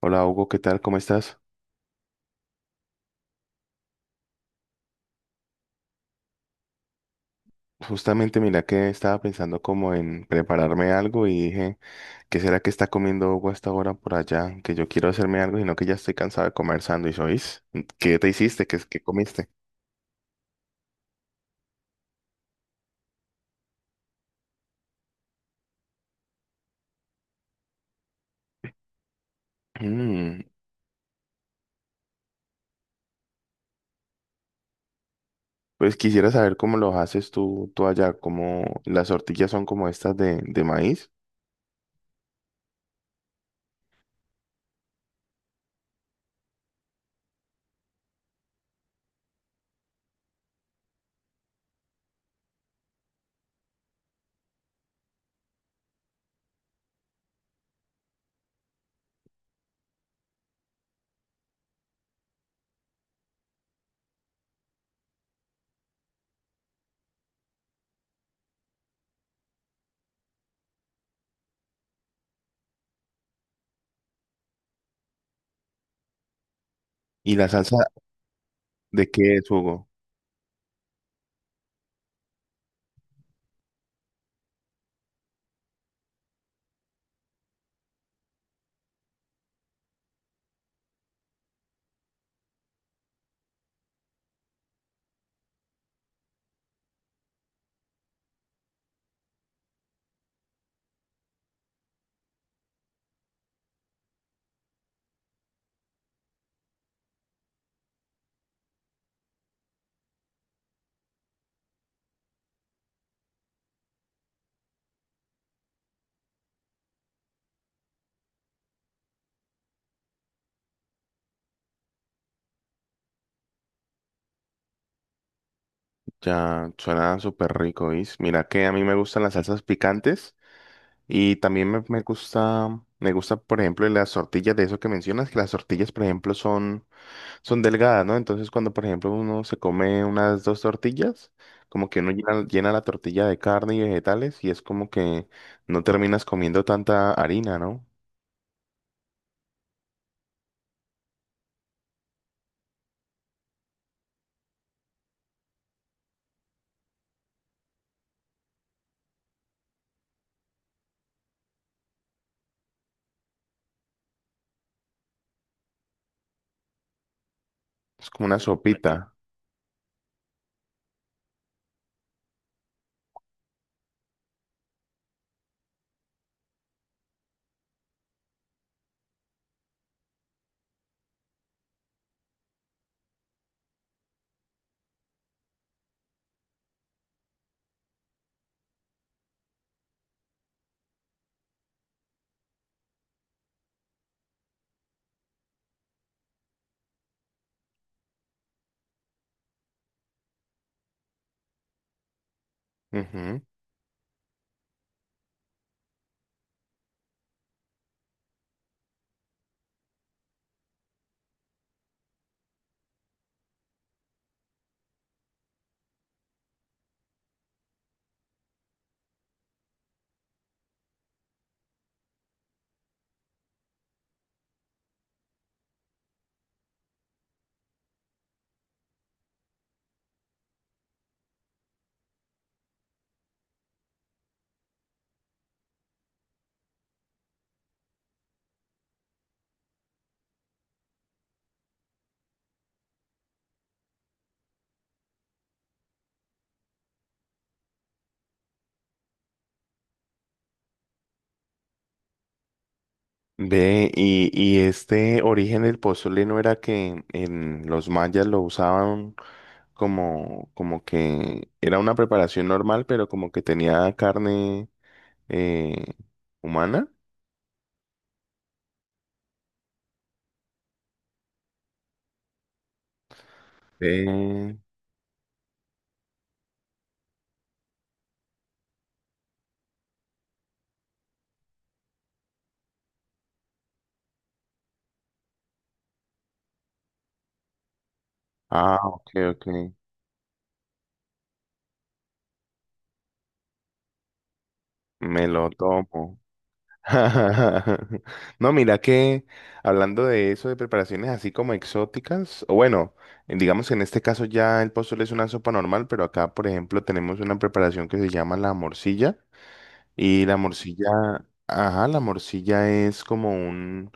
Hola Hugo, ¿qué tal? ¿Cómo estás? Justamente mira que estaba pensando como en prepararme algo y dije, ¿qué será que está comiendo Hugo hasta ahora por allá? Que yo quiero hacerme algo, sino que ya estoy cansado de comer sándwich, ¿oís? ¿Qué te hiciste? ¿Qué comiste? Mm, pues quisiera saber cómo los haces tú allá, cómo las tortillas son como estas de maíz. ¿Y la salsa de qué es, Hugo? Ya suena súper rico, ¿oís? Mira que a mí me gustan las salsas picantes. Y también me gusta, por ejemplo, las tortillas de eso que mencionas, que las tortillas, por ejemplo, son delgadas, ¿no? Entonces, cuando, por ejemplo, uno se come unas dos tortillas, como que uno llena la tortilla de carne y vegetales y es como que no terminas comiendo tanta harina, ¿no? Es como una sopita. Ujú. Ve, y este origen del pozole no era que en los mayas lo usaban como que era una preparación normal, pero como que tenía carne eh, humana. Ve. Ah, ok, ok. Me lo tomo. No, mira que hablando de eso, de preparaciones así como exóticas, o bueno, digamos que en este caso ya el pozole es una sopa normal, pero acá, por ejemplo, tenemos una preparación que se llama la morcilla. Y la morcilla, ajá, la morcilla es como un,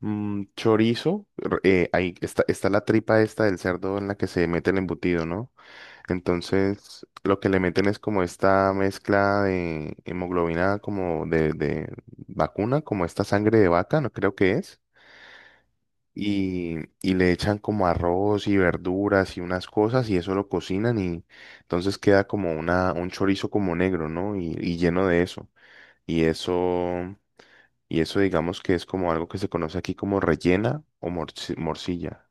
mm, chorizo. Ahí está la tripa esta del cerdo en la que se mete el embutido, ¿no? Entonces, lo que le meten es como esta mezcla de hemoglobina, como de vacuna, como esta sangre de vaca, no creo que es. Y le echan como arroz y verduras y unas cosas y eso lo cocinan y entonces queda como un chorizo como negro, ¿no? Y lleno de eso. Y eso. Y eso digamos que es como algo que se conoce aquí como rellena o morcilla.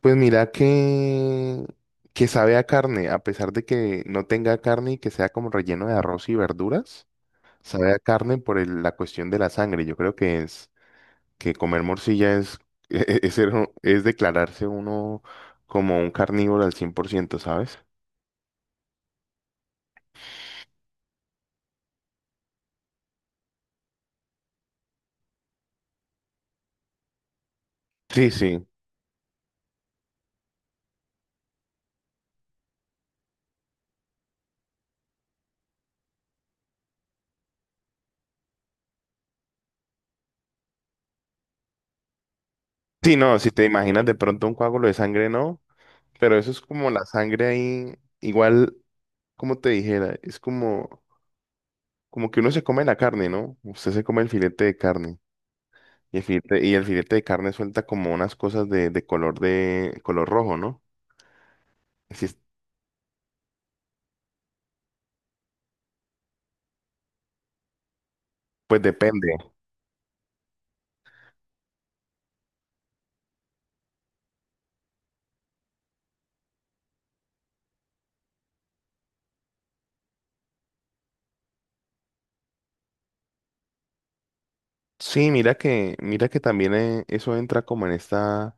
Pues mira que sabe a carne, a pesar de que no tenga carne y que sea como relleno de arroz y verduras, sabe a carne por la cuestión de la sangre. Yo creo que es que comer morcilla es, es declararse uno como un carnívoro al 100%, ¿sabes? Sí, sí. Sí, no, si te imaginas de pronto un coágulo de sangre, no, pero eso es como la sangre ahí, igual como te dijera, es como, como que uno se come la carne, ¿no? Usted se come el filete de carne. Y el filete de carne suelta como unas cosas de color rojo, ¿no? Así es, pues depende. Sí, mira que también eso entra como en esta.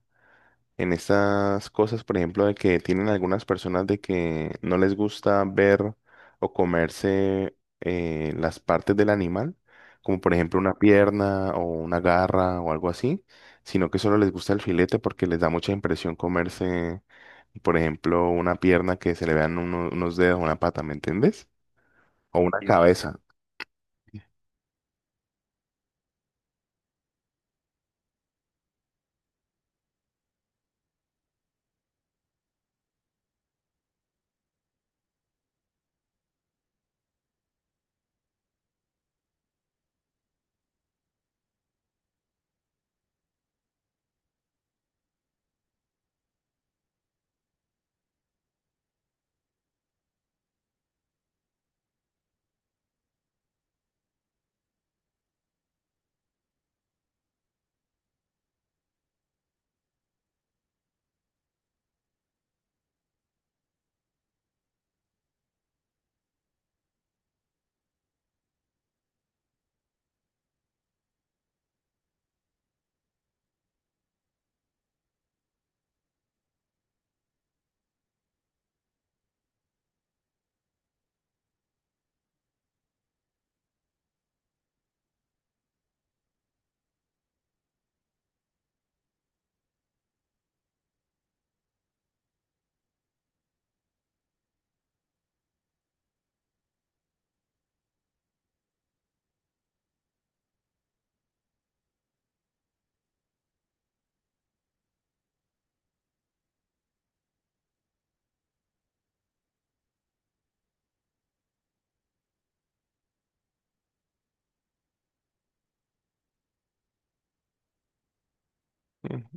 En estas cosas, por ejemplo, de que tienen algunas personas de que no les gusta ver o comerse las partes del animal, como por ejemplo una pierna o una garra o algo así, sino que solo les gusta el filete porque les da mucha impresión comerse, por ejemplo, una pierna que se le vean unos dedos, una pata, ¿me entiendes? O una, entiendo, cabeza.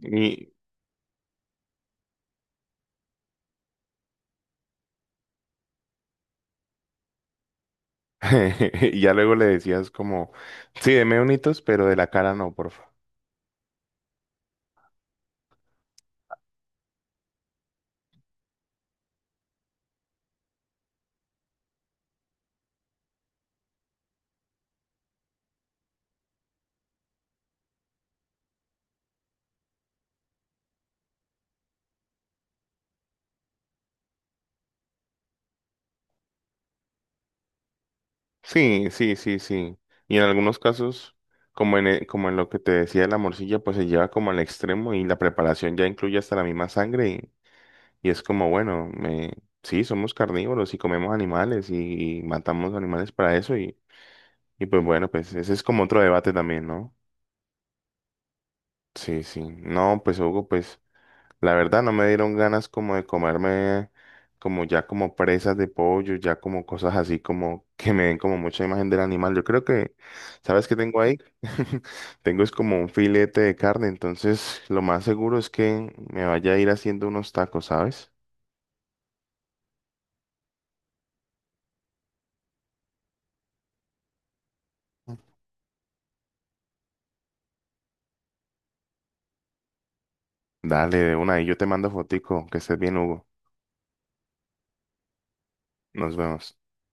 Y, y ya luego le decías como, sí, deme unitos, pero de la cara no, por favor. Sí, sí, sí, sí. Y en algunos casos, como en lo que te decía de la morcilla, pues se lleva como al extremo y la preparación ya incluye hasta la misma sangre y es como, bueno, sí, somos carnívoros y comemos animales y matamos animales para eso y pues bueno, pues ese es como otro debate también, ¿no? Sí, sí. No, pues Hugo, pues. La verdad no me dieron ganas como de comerme como ya como presas de pollo, ya como cosas así como que me den como mucha imagen del animal. Yo creo que, ¿sabes qué tengo ahí? Tengo es como un filete de carne, entonces lo más seguro es que me vaya a ir haciendo unos tacos, ¿sabes? Dale, de una, y yo te mando fotico, que estés bien, Hugo. Nos vemos.